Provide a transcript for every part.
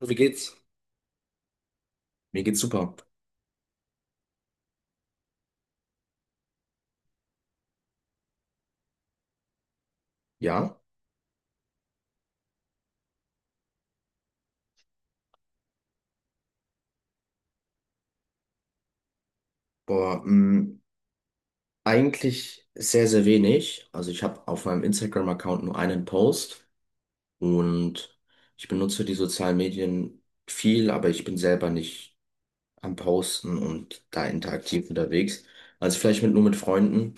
Wie geht's? Mir geht's super. Ja, boah, mh, Eigentlich sehr, sehr wenig. Also ich habe auf meinem Instagram-Account nur einen Post und ich benutze die sozialen Medien viel, aber ich bin selber nicht am Posten und da interaktiv unterwegs. Also vielleicht nur mit Freunden,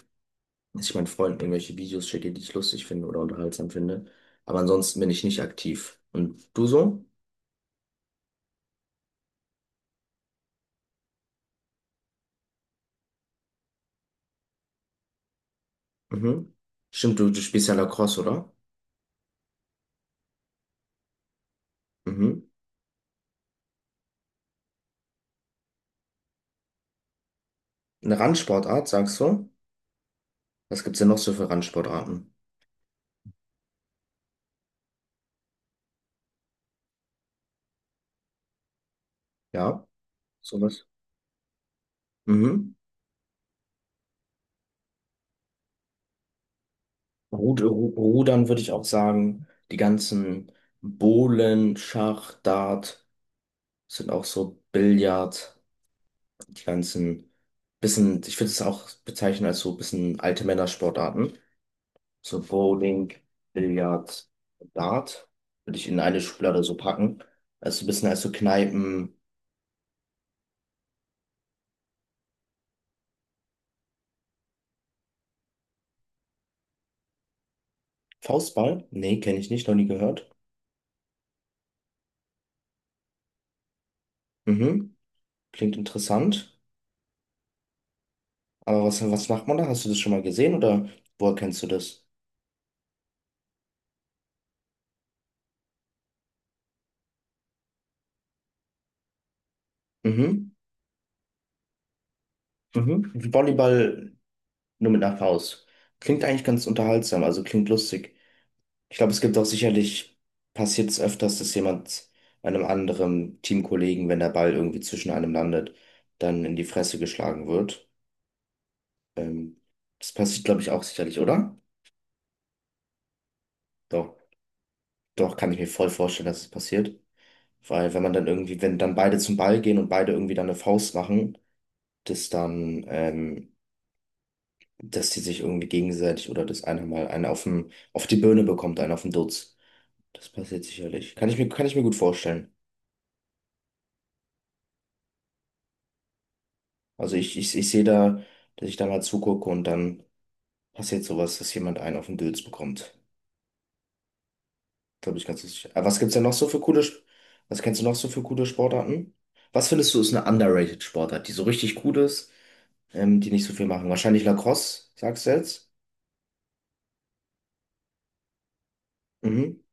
dass ich meinen Freunden irgendwelche Videos schicke, die ich lustig finde oder unterhaltsam finde. Aber ansonsten bin ich nicht aktiv. Und du so? Mhm. Stimmt, du spielst ja Lacrosse, oder? Mhm. Eine Randsportart, sagst du? Was gibt's denn noch so für Randsportarten? Ja, sowas. Mhm. Rudern würde ich auch sagen. Die ganzen Bohlen, Schach, Dart sind auch so Billard. Die ganzen bisschen, ich würde es auch bezeichnen als so bisschen alte Männersportarten. So Bowling, Billard, Dart würde ich in eine Schublade so packen. Also ein bisschen als so Kneipen. Faustball? Nee, kenne ich nicht, noch nie gehört. Mhm. Klingt interessant. Aber was macht man da? Hast du das schon mal gesehen oder woher kennst du das? Mhm. Mhm. Wie Volleyball nur mit einer Faust. Klingt eigentlich ganz unterhaltsam, also klingt lustig. Ich glaube, es gibt auch sicherlich, passiert es öfters, dass jemand einem anderen Teamkollegen, wenn der Ball irgendwie zwischen einem landet, dann in die Fresse geschlagen wird. Ähm, Das passiert, glaube ich, auch sicherlich, oder? Doch, doch, kann ich mir voll vorstellen, dass es passiert. Weil wenn man dann irgendwie, wenn dann beide zum Ball gehen und beide irgendwie dann eine Faust machen, das dann dass die sich irgendwie gegenseitig oder dass einer mal einen auf den, auf die Birne bekommt, einen auf den Dutz. Das passiert sicherlich. Kann ich mir gut vorstellen. Also ich sehe da, dass ich da mal zugucke und dann passiert sowas, dass jemand einen auf den Dutz bekommt. Glaube ich ganz sicher. Aber was gibt's denn noch so für was kennst du noch so für coole Sportarten? Was findest du ist eine underrated Sportart, die so richtig gut ist, die nicht so viel machen? Wahrscheinlich Lacrosse, sagst du jetzt? Mhm.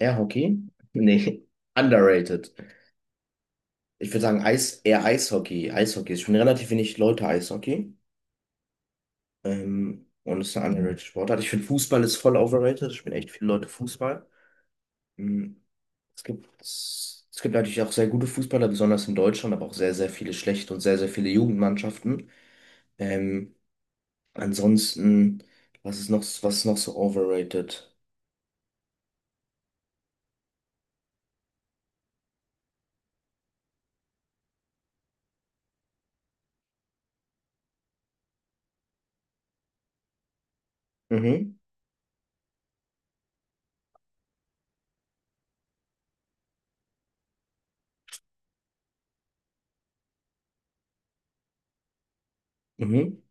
Air Hockey? Nee, underrated. Ich würde sagen, eher Eishockey. Eishockey ist schon relativ wenig Leute Eishockey. Und ist eine underrated Sportart. Ich finde, Fußball ist voll overrated. Ich spielen echt viele Leute Fußball. Mhm. Es gibt natürlich auch sehr gute Fußballer, besonders in Deutschland, aber auch sehr, sehr viele schlechte und sehr, sehr viele Jugendmannschaften. Ähm, ansonsten, Was ist noch, was ist noch so overrated? Mhm, mhm,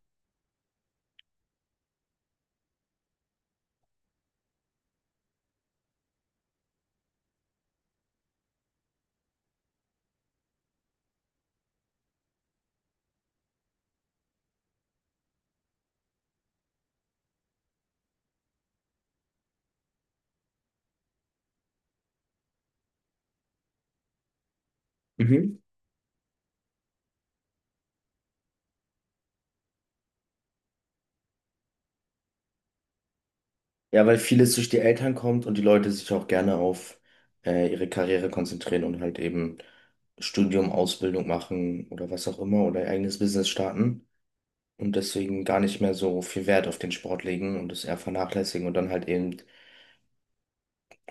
mhm. Ja, weil vieles durch die Eltern kommt und die Leute sich auch gerne auf ihre Karriere konzentrieren und halt eben Studium, Ausbildung machen oder was auch immer oder ihr eigenes Business starten und deswegen gar nicht mehr so viel Wert auf den Sport legen und es eher vernachlässigen und dann halt eben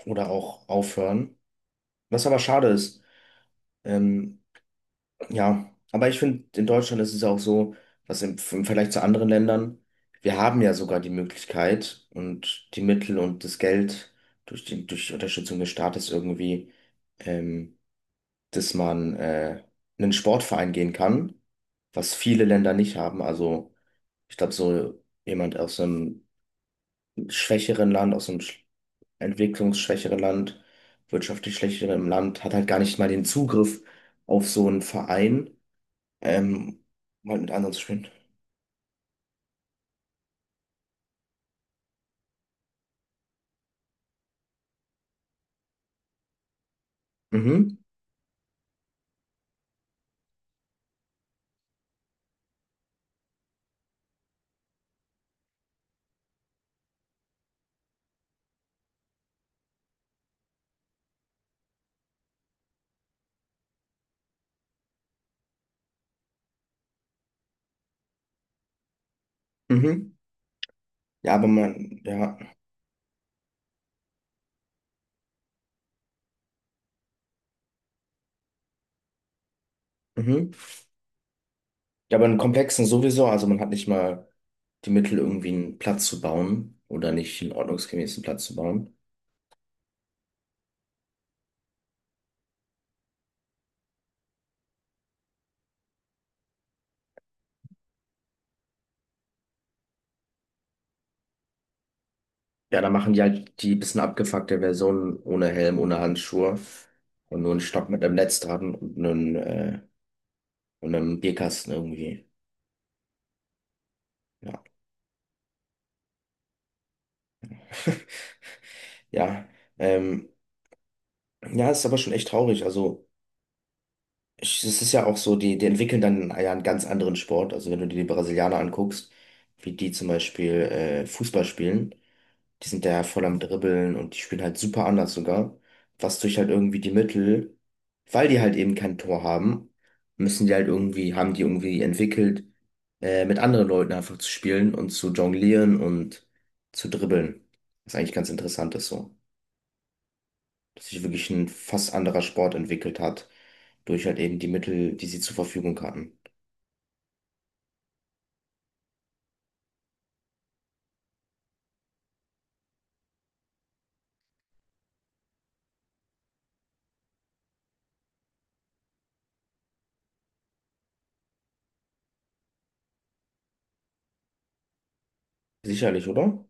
oder auch aufhören. Was aber schade ist. ähm, Ja, aber ich finde, in Deutschland ist es auch so, dass im Vergleich zu anderen Ländern, wir haben ja sogar die Möglichkeit und die Mittel und das Geld durch durch die Unterstützung des Staates irgendwie, ähm, dass man in einen Sportverein gehen kann, was viele Länder nicht haben. Also ich glaube, so jemand aus einem schwächeren Land, entwicklungsschwächeren Land, wirtschaftlich schwächeren Land, hat halt gar nicht mal den Zugriff auf so einen Verein ähm, um halt mit anderen zu spielen. Mhm. Mhm. Ja, aber man, ja. Mhm. Ja, aber in Komplexen sowieso, also man hat nicht mal die Mittel, irgendwie einen Platz zu bauen oder nicht einen ordnungsgemäßen Platz zu bauen. Ja, dann machen die halt die bisschen abgefuckte Version ohne Helm, ohne Handschuhe und nur einen Stock mit einem Netz dran und und einem Bierkasten irgendwie. Ja. Ja, ähm, ja, ist aber schon echt traurig. Also. Es ist ja auch so, die entwickeln dann ja einen ganz anderen Sport. Also wenn du dir die Brasilianer anguckst, wie die zum Beispiel Fußball spielen, die sind da ja voll am Dribbeln und die spielen halt super anders sogar. Was durch halt irgendwie die Mittel, weil die halt eben kein Tor haben, müssen die halt irgendwie, haben die irgendwie entwickelt, mit anderen Leuten einfach zu spielen und zu jonglieren und zu dribbeln. Was eigentlich ganz interessant ist so, dass sich wirklich ein fast anderer Sport entwickelt hat, durch halt eben die Mittel, die sie zur Verfügung hatten. Sicherlich, oder?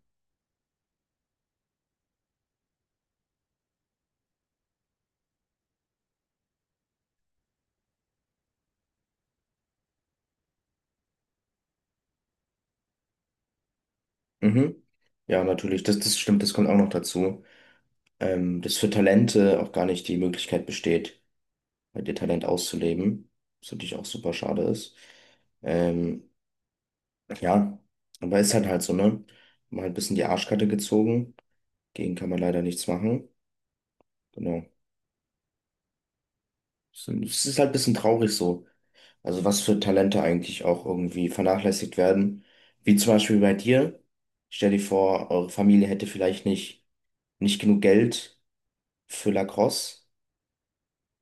Mhm. Ja, natürlich, das stimmt, das kommt auch noch dazu, dass für Talente auch gar nicht die Möglichkeit besteht, halt ihr Talent auszuleben, was natürlich auch super schade ist. Ähm, ja, aber ist halt halt so, ne? Mal ein bisschen die Arschkarte gezogen, gegen kann man leider nichts machen. Genau. Es ist halt ein bisschen traurig so. Also was für Talente eigentlich auch irgendwie vernachlässigt werden. Wie zum Beispiel bei dir. Stell dir vor, eure Familie hätte vielleicht nicht, nicht genug Geld für Lacrosse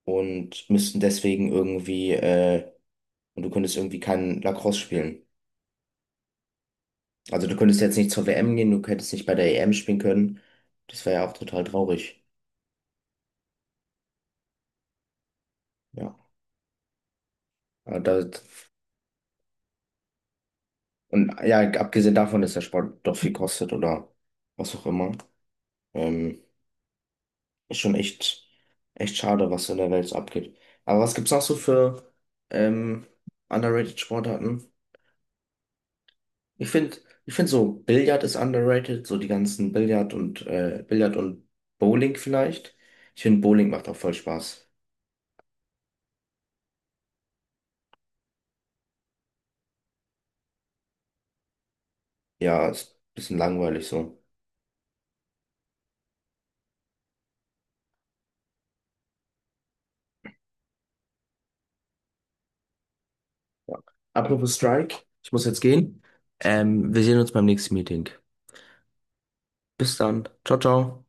und müssten deswegen irgendwie, und du könntest irgendwie kein Lacrosse spielen. Also du könntest jetzt nicht zur WM gehen, du hättest nicht bei der EM spielen können. Das wäre ja auch total traurig. Ja. Aber Da, und ja, abgesehen davon, dass der Sport doch viel kostet oder was auch immer. Ähm, Ist schon echt, echt schade, was so in der Welt so abgeht. Aber was gibt's noch so für ähm, underrated Sportarten? Ich finde, ich find so Billard ist underrated, so die ganzen Billard und Bowling vielleicht. Ich finde, Bowling macht auch voll Spaß. Ja, ist ein bisschen langweilig so. Ja. Apropos Strike, ich muss jetzt gehen. Wir sehen uns beim nächsten Meeting. Bis dann. Ciao, ciao.